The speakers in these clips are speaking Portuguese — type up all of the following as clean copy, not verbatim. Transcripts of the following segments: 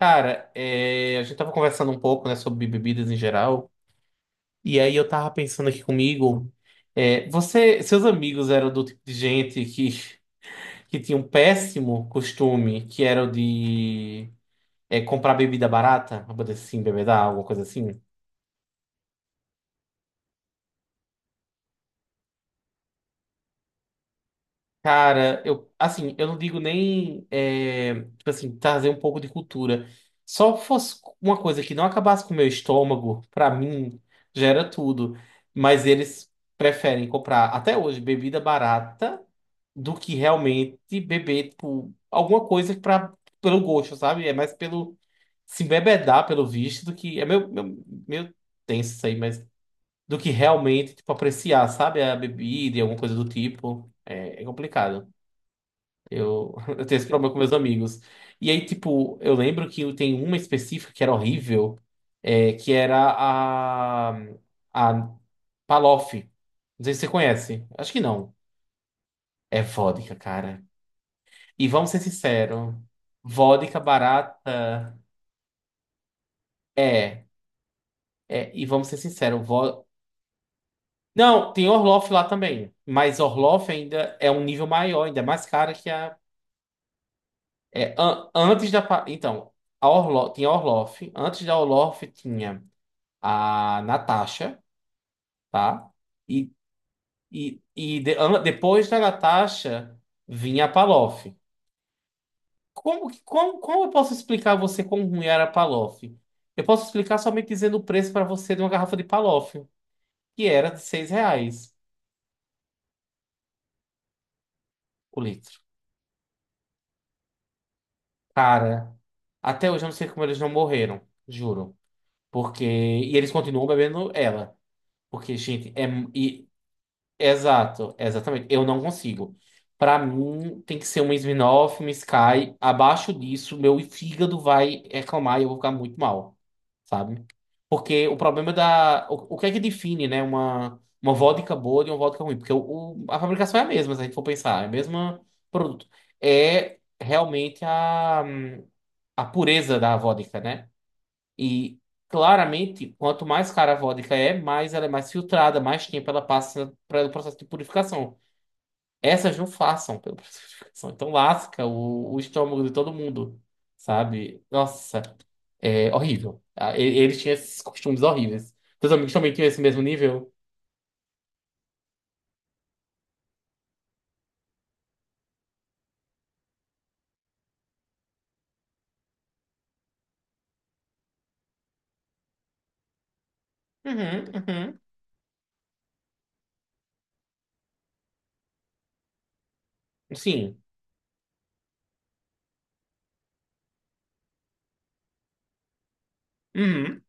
Cara, a gente tava conversando um pouco, né, sobre bebidas em geral, e aí eu tava pensando aqui comigo, você, seus amigos eram do tipo de gente que tinha um péssimo costume, que era o de comprar bebida barata, pra poder assim, beber água, alguma coisa assim? Cara, eu, assim, eu não digo nem, tipo assim, trazer um pouco de cultura. Só fosse uma coisa que não acabasse com o meu estômago, pra mim, já era tudo. Mas eles preferem comprar, até hoje, bebida barata do que realmente beber, tipo, alguma coisa pra, pelo gosto, sabe? É mais pelo se embebedar, pelo visto, do que. É meio tenso isso aí, mas. Do que realmente, tipo, apreciar, sabe? A bebida e alguma coisa do tipo. É complicado. Eu, eu tenho esse problema com meus amigos. E aí, tipo, eu lembro que tem uma específica que era horrível, que era a Palof. Não sei se você conhece. Acho que não. É vodka, cara. E vamos ser sinceros, vodka barata é. E vamos ser sinceros, Não, tem Orloff lá também. Mas Orloff ainda é um nível maior, ainda é mais cara que a. É, antes da. Então, a tinha a Orloff. Antes da Orloff tinha a Natasha, tá? E, Depois da Natasha vinha a Palof. Como eu posso explicar a você como ruim era a Palof? Eu posso explicar somente dizendo o preço para você de uma garrafa de Palof, que era de R$ 6 o litro. Cara, até hoje eu não sei como eles não morreram, juro. Porque. E eles continuam bebendo ela. Porque, gente, é. Exato, exatamente. Eu não consigo. Pra mim, tem que ser uma Smirnoff, uma Sky. Abaixo disso, meu fígado vai reclamar e eu vou ficar muito mal, sabe? Porque o problema da. O que é que define, né? Uma vodka boa de uma vodka ruim? Porque a fabricação é a mesma, se a gente for pensar, é o mesmo produto. É realmente a pureza da vodka, né? E claramente, quanto mais cara a vodka é, mais ela é mais filtrada, mais tempo ela passa pelo processo de purificação. Essas não façam pelo processo de educação. Então lasca o estômago de todo mundo, sabe? Nossa, é horrível. Ah, eles tinham esses costumes horríveis. Teus amigos também tinham esse mesmo nível? Uhum, uhum. Sim. Uhum.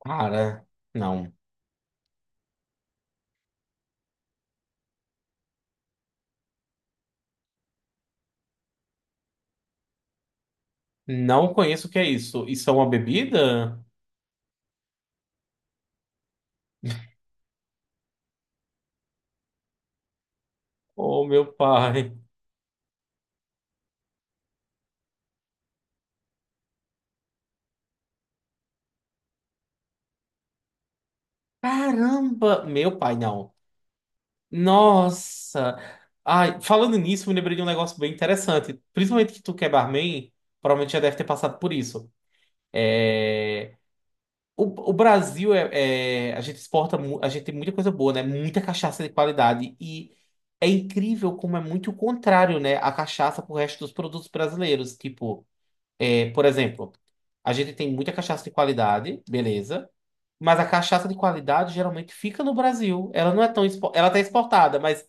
Cara, não. Não conheço o que é isso. Isso é uma bebida? Oh, meu pai. Caramba! Meu pai, não. Nossa! Ai, falando nisso, me lembrei de um negócio bem interessante. Principalmente que tu que é barman, provavelmente já deve ter passado por isso. É. O Brasil é, a gente exporta, a gente tem muita coisa boa, né? Muita cachaça de qualidade e é incrível como é muito o contrário, né? A cachaça pro resto dos produtos brasileiros, tipo, por exemplo, a gente tem muita cachaça de qualidade, beleza? Mas a cachaça de qualidade geralmente fica no Brasil. Ela não é tão ela tá exportada, mas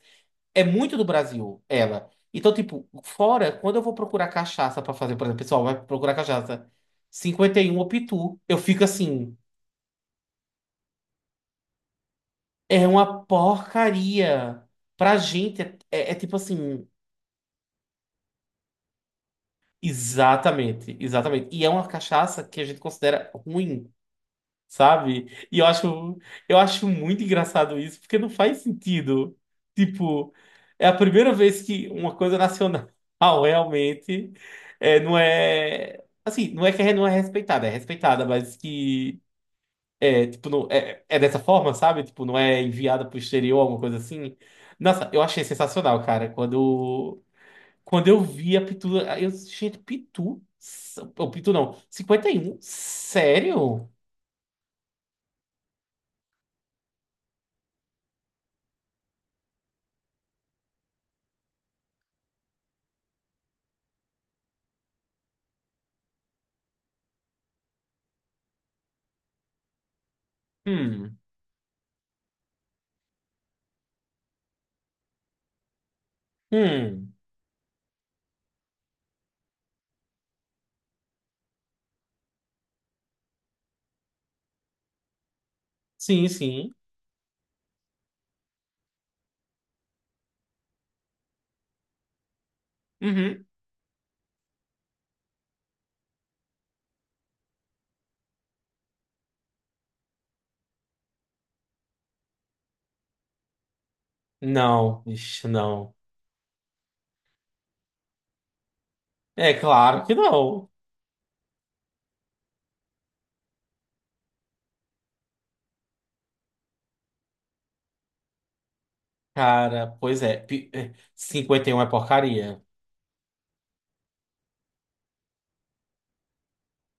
é muito do Brasil, ela. Então, tipo, fora, quando eu vou procurar cachaça pra fazer, por exemplo, o pessoal vai procurar cachaça 51 ou Pitu, eu fico assim, é uma porcaria. Pra gente, é, é tipo assim, exatamente, exatamente. E é uma cachaça que a gente considera ruim. Sabe? E eu acho muito engraçado isso, porque não faz sentido. Tipo, é a primeira vez que uma coisa nacional realmente é, não é. Assim, não é que é, não é respeitada, é respeitada, mas que é, tipo, não, é, é dessa forma, sabe? Tipo, não é enviada pro exterior, alguma coisa assim. Nossa, eu achei sensacional, cara. Quando, quando eu vi a Pitu, eu, gente, Pitu? Ou Pitu não, 51? Sério? Hum, hum. Sim, sim. Uhum. Não, ixi, não. É claro que não. Cara, pois é. É, 51 é porcaria.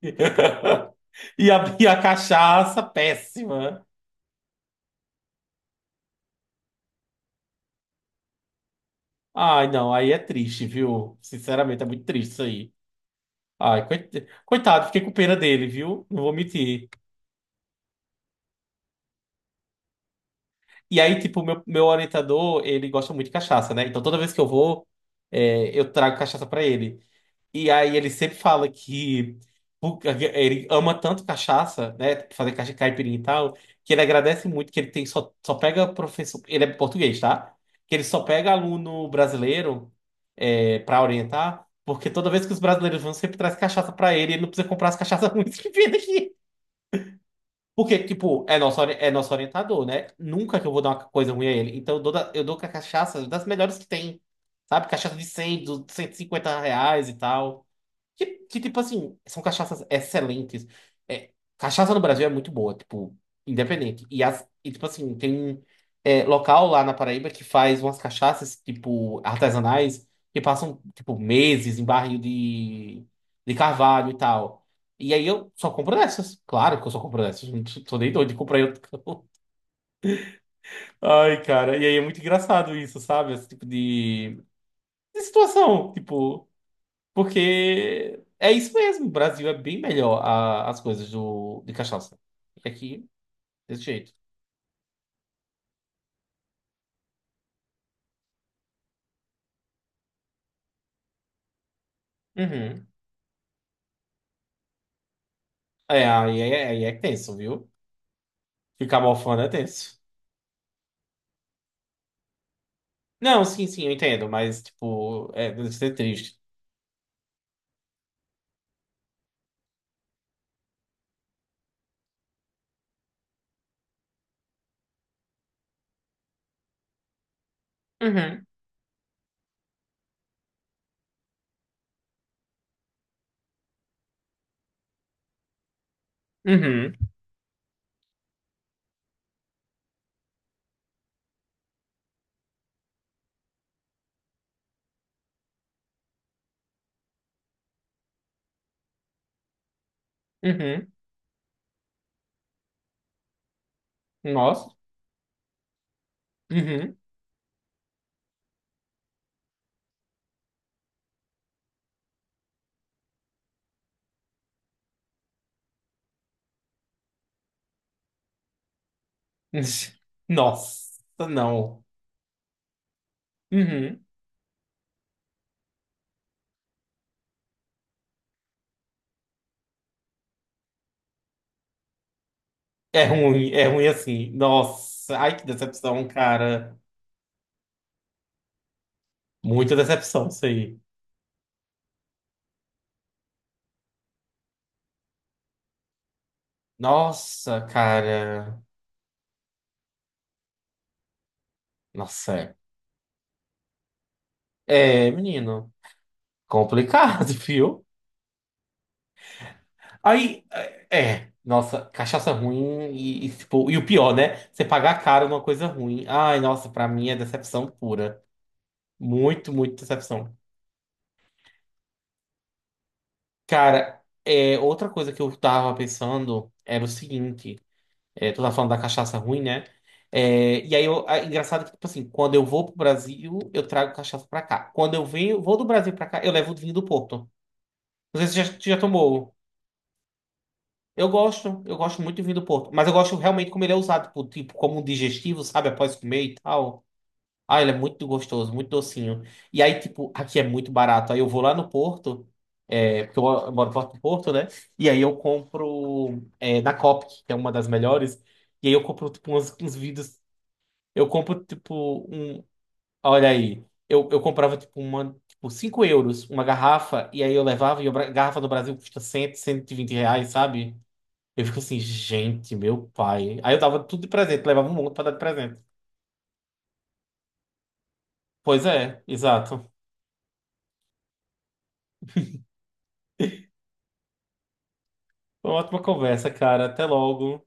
E a cachaça, péssima. Ai, não, aí é triste, viu? Sinceramente, é muito triste isso aí. Ai, coitado, fiquei com pena dele, viu? Não vou mentir. E aí, tipo, meu orientador, ele gosta muito de cachaça, né? Então toda vez que eu vou, é, eu trago cachaça pra ele. E aí ele sempre fala que ele ama tanto cachaça, né? Fazer caipirinha e tal, que ele agradece muito que ele tem só, só pega professor. Ele é português, tá? Que ele só pega aluno brasileiro para orientar, porque toda vez que os brasileiros vão, sempre traz cachaça pra ele, ele não precisa comprar as cachaças ruins que vem daqui. Porque, tipo, é é nosso orientador, né? Nunca que eu vou dar uma coisa ruim a ele. Então eu eu dou com a cachaça das melhores que tem, sabe? Cachaça de 100, do R$ 150 e tal. Que, tipo assim, são cachaças excelentes. É, cachaça no Brasil é muito boa, tipo, independente. E, as, e tipo assim, tem local lá na Paraíba que faz umas cachaças, tipo, artesanais, que passam, tipo, meses em barril de carvalho e tal. E aí eu só compro dessas. Claro que eu só compro dessas. Não tô nem doido de comprar em outro canto. Ai, cara. E aí é muito engraçado isso, sabe? Esse tipo de situação, tipo. Porque é isso mesmo, o Brasil é bem melhor as coisas do, de cachaça. E aqui, desse jeito. Uhum. É, aí é, aí é tenso, viu? Ficar mofando é tenso. Não, sim, sim, eu entendo, mas, tipo, é, deve ser triste. Uhum, uhum, uhum. Nossa, uhum. Nossa, não. Uhum. É ruim assim. Nossa, ai que decepção, cara. Muita decepção isso aí. Nossa, cara. Nossa, é, menino, complicado, viu? Aí, é, é, nossa, cachaça ruim e, tipo, e o pior, né? Você pagar caro numa coisa ruim. Ai, nossa, pra mim é decepção pura. Muito, muito decepção. Cara, é, outra coisa que eu tava pensando era o seguinte: é, tu tava falando da cachaça ruim, né? É, e aí, eu, é engraçado que, tipo assim, quando eu vou pro Brasil, eu trago cachaça pra cá. Quando eu venho, vou do Brasil pra cá, eu levo o vinho do Porto. Não sei se você já, já tomou. Eu gosto muito de vinho do Porto, mas eu gosto realmente como ele é usado, tipo, tipo, como um digestivo, sabe, após comer e tal. Ah, ele é muito gostoso, muito docinho. E aí, tipo, aqui é muito barato. Aí eu vou lá no Porto, é, porque eu moro perto do Porto, né? E aí eu compro é, na Copic, que é uma das melhores. E aí eu compro, tipo, uns, uns vidros. Eu compro, tipo, um. Olha aí, eu comprava, tipo, uma, tipo, €5, uma garrafa, e aí eu levava, e a garrafa do Brasil custa cem, R$ 120, sabe? Eu fico assim, gente, meu pai. Aí eu dava tudo de presente, levava um monte pra dar de presente. Pois é, exato. Foi uma ótima conversa, cara. Até logo.